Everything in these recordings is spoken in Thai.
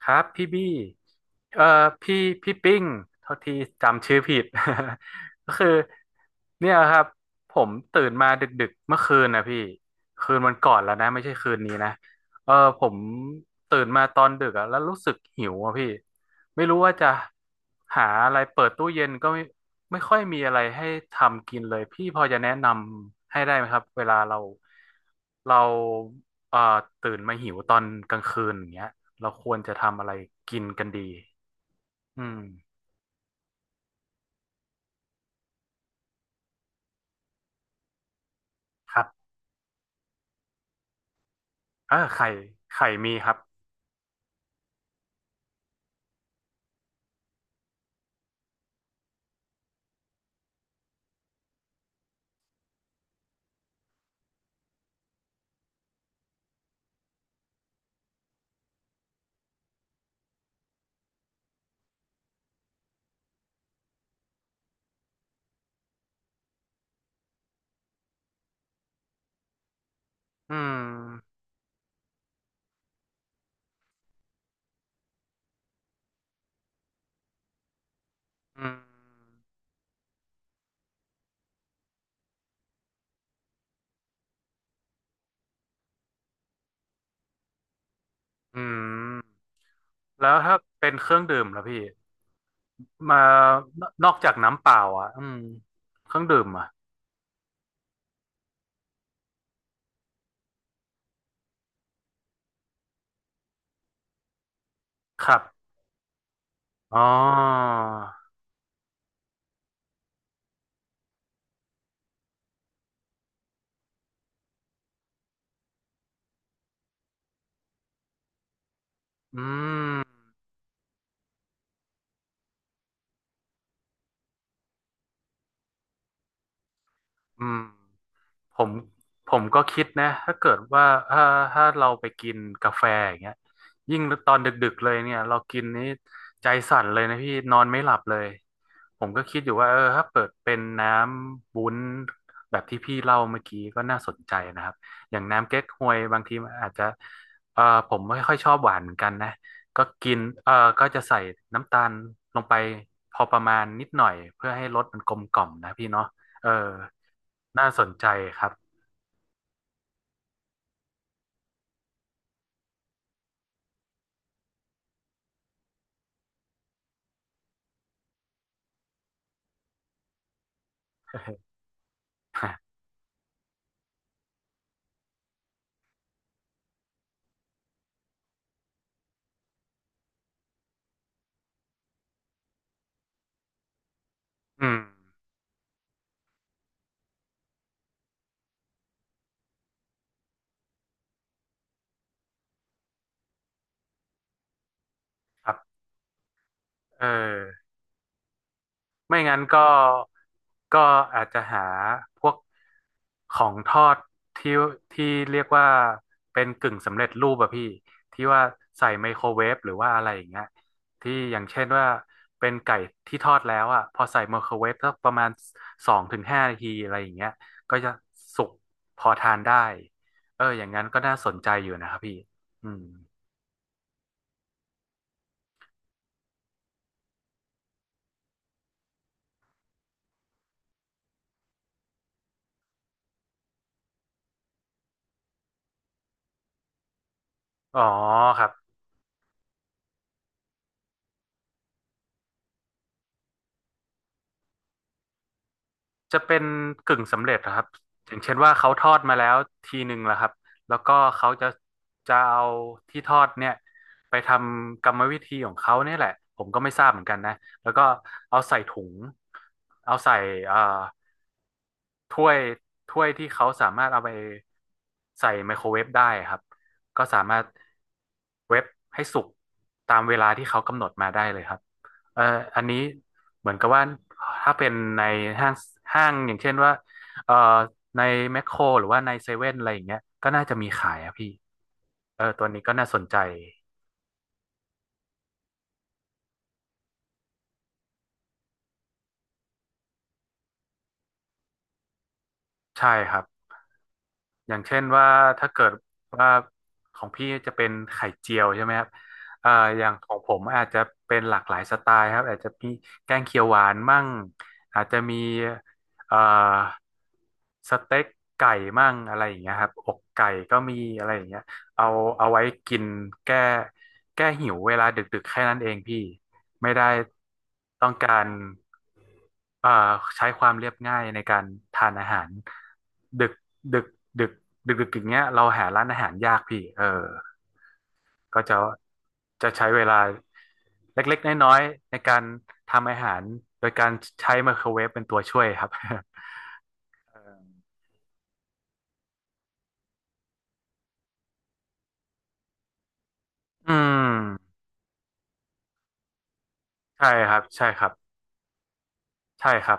ครับพี่บี้เอ่อพี่พี่ปิ้งเท่าที่จำชื่อผิด ก็คือเนี่ยครับผมตื่นมาดึกๆเมื่อคืนนะพี่คืนวันก่อนแล้วนะไม่ใช่คืนนี้นะเออผมตื่นมาตอนดึกอะแล้วรู้สึกหิวอะพี่ไม่รู้ว่าจะหาอะไรเปิดตู้เย็นก็ไม่ค่อยมีอะไรให้ทำกินเลยพี่พอจะแนะนำให้ได้ไหมครับเวลาเราเอ่อตื่นมาหิวตอนกลางคืนอย่างเงี้ย เราควรจะทำอะไรกินกันดีอืมครับเออไข่ไข่มีครับอืมอืมอืมแล้วถ้าเป็นเครื่องดื่มล่ะพี่มานนอกจากน้ำเปล่าอ่ะอืมเครื่องดื่มอ่ะครับอ๋ออืมอืม ผมผมก็คิดนะถ้าเกิดว่าถ้าเราไปกินกาแฟอย่างเงี้ยยิ่งตอนดึกๆเลยเนี่ยเรากินนี้ใจสั่นเลยนะพี่นอนไม่หลับเลยผมก็คิดอยู่ว่าเออถ้าเปิดเป็นน้ำวุ้นแบบที่พี่เล่าเมื่อกี้ก็น่าสนใจนะครับอย่างน้ำเก๊กฮวยบางทีมันอาจจะเออผมไม่ค่อยชอบหวานเหมือนกันนะก็กินเออก็จะใส่น้ำตาลลงไปพอประมาณนิดหน่อยเพื่อให้รสมันกลมกล่อมนะพี่เนาะ เออน่าสนใจครับ อืมครับเออไม่งั้นก็ก็อาจจะหาพวกของทอดที่ที่เรียกว่าเป็นกึ่งสำเร็จรูปอะพี่ที่ว่าใส่ไมโครเวฟหรือว่าอะไรอย่างเงี้ยที่อย่างเช่นว่าเป็นไก่ที่ทอดแล้วอะพอใส่ไมโครเวฟสักประมาณสองถึงห้านาทีอะไรอย่างเงี้ยก็จะสุกพอทานได้เอออย่างนั้นก็น่าสนใจอยู่นะครับพี่อืม อ๋อครับจะเป็นกึ่งสำเร็จนะครับอย่างเช่นว่าเขาทอดมาแล้วทีหนึ่งแล้วครับแล้วก็เขาจะจะเอาที่ทอดเนี่ยไปทำกรรมวิธีของเขาเนี่ยแหละผมก็ไม่ทราบเหมือนกันนะแล้วก็เอาใส่ถุงเอาใส่เอ่อถ้วยถ้วยที่เขาสามารถเอาไปใส่ไมโครเวฟได้ครับก็สามารถเวฟให้สุกตามเวลาที่เขากำหนดมาได้เลยครับ เอ่ออันนี้เหมือนกับว่าถ้าเป็นในห้างห้างอย่างเช่นว่าเอ่อในแมคโครหรือว่าในเซเว่นอะไรอย่างเงี้ยก็น่าจะมีขายอะพี่เออตัวนี้ก็น่าสนใจใช่ครับ อย่างเช่นว่าถ้าเกิดว่าของพี่จะเป็นไข่เจียวใช่ไหมครับเอ่ออย่างของผมอาจจะเป็นหลากหลายสไตล์ครับอาจจะมีแกงเขียวหวานมั่งอาจจะมีเอ่อสเต็กไก่มั่งอะไรอย่างเงี้ยครับอกไก่ก็มีอะไรอย่างเงี้ยเอาเอาไว้กินแก้แก้หิวเวลาดึกๆแค่นั้นเองพี่ ไม่ได้ต้องการเอ่อใช้ความเรียบง่ายในการทานอาหารดึกดึกดึกดึกอย่างเงี้ยเราหาร้านอาหารยากพี่เออก็จะจะใช้เวลาเล็กๆน้อยๆในการทำอาหารโดยการใช้ไมโครเวฟเป็นตัวช่วยครับ เอออืมใช่ครับใช่ครับใช่ครับ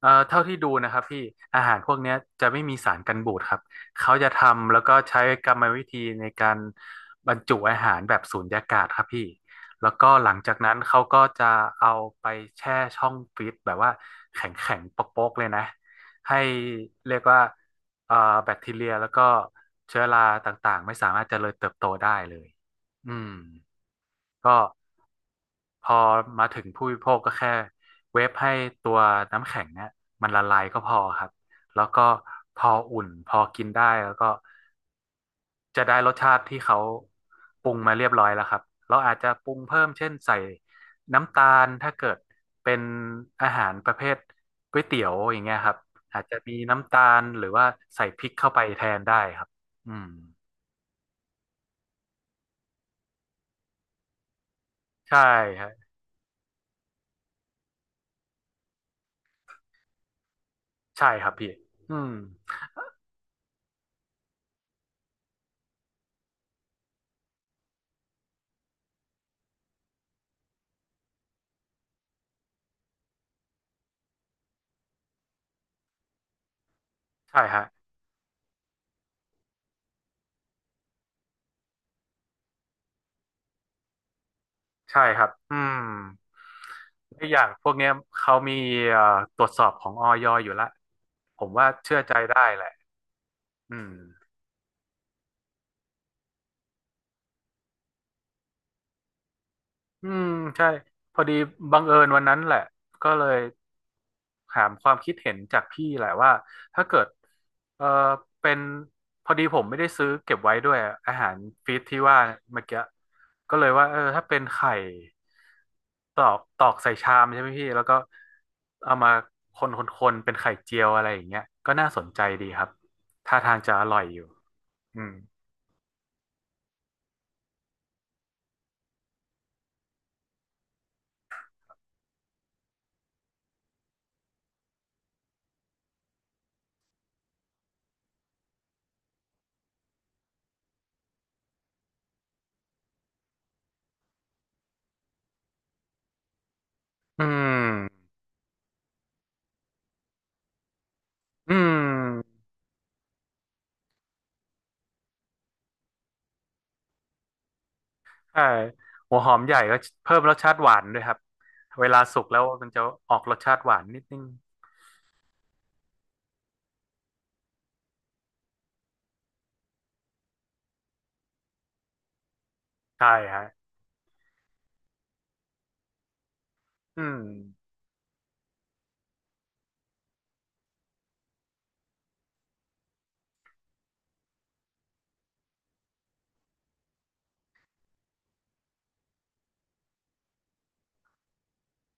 เท่าที่ดูนะครับพี่อาหารพวกเนี้ยจะไม่มีสารกันบูดครับเขาจะทำแล้วก็ใช้กรรมวิธีในการบรรจุอาหารแบบสูญญากาศครับพี่แล้วก็หลังจากนั้นเขาก็จะเอาไปแช่ช่องฟรีซแบบว่าแข็งแข็งโป๊กๆเลยนะให้เรียกว่าเอ่อแบคทีเรียแล้วก็เชื้อราต่างๆไม่สามารถเจริญเติบโตได้เลยอืมก็ พอมาถึงผู้บริโภคก็แค่เวฟให้ตัวน้ำแข็งเนี่ยมันละลายก็พอครับแล้วก็พออุ่นพอกินได้แล้วก็จะได้รสชาติที่เขาปรุงมาเรียบร้อยแล้วครับเราอาจจะปรุงเพิ่มเช่นใส่น้ำตาลถ้าเกิดเป็นอาหารประเภทก๋วยเตี๋ยวอย่างเงี้ยครับอาจจะมีน้ำตาลหรือว่าใส่พริกเข้าไปแทนได้ครับอืมใช่ฮะใช่ครับพี่อืมใช่ฮะ ใช่ครับอืมและอย่างพวกเนี้ยเขามีเอ่อตรวจสอบของอยอยู่ละผมว่าเชื่อใจได้แหละอืม อืมใช่พอดีบังเอิญวันนั้นแหละก็เลยถามความคิดเห็นจากพี่แหละว่าถ้าเกิดเออเป็นพอดีผมไม่ได้ซื้อเก็บไว้ด้วยอะอาหารฟีดที่ว่าเมื่อกี้ก็เลยว่าเออถ้าเป็นไข่ตอกตอกใส่ชามใช่ไหมพี่แล้วก็เอามาคนเป็นไข่เจียวอะไรอย่างเงี้ยก็น่าสนใจดีครับท่าทางจะอร่อยอยู่อืมอืมอืม ใช่หัวหอมใหญ่ก็เพิ่มรสชาติหวานด้วยครับเวลาสุกแล้วมันจะออกรสชาติหวานนิดนึงใช่ฮะอืม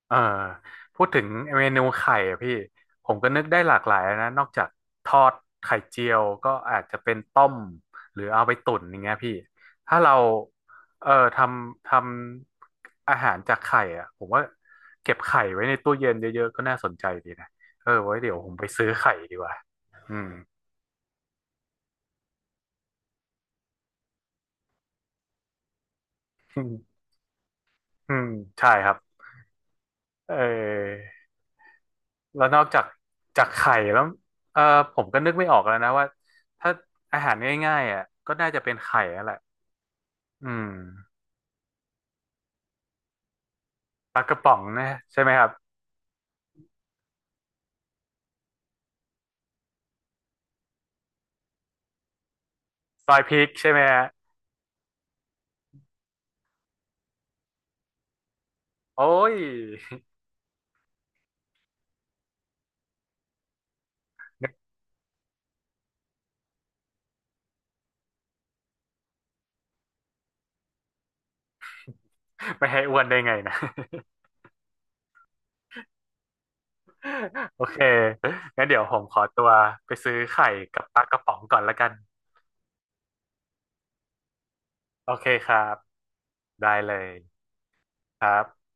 เออพูดถึงเมนูไข่อะพี่ผมก็นึกได้หลากหลายนะนอกจากทอดไข่เจียวก็อาจจะเป็นต้มหรือเอาไปตุ๋นอย่างเงี้ยพี่ถ้าเราเออทำอาหารจากไข่อะผมว่าเก็บไข่ไว้ในตู้เย็นเยอะๆก็น่าสนใจดีนะเออไว้เดี๋ยวผมไปซื้อไข่ดีกว่าอืม อืมใช่ครับเออแล้วนอกจากจากไข่แล้วเออผมก็นึกไม่ออกแล้วนะว่าถ้าอาหารง่ายๆอ่ะก็น่าจะเป็นไข่นั่นแหละอืมปลากระป๋องนะใช่ไหมครับซอยพริกใช่ไหมฮะโอ้ย ไม่ให้อ้วนได้ไงนะ โอเคงั้นเดี๋ยวผมขอตัวไปซื้อไข่กับปลากระป๋องก่อนละกันโอเคครับได้เลยครับ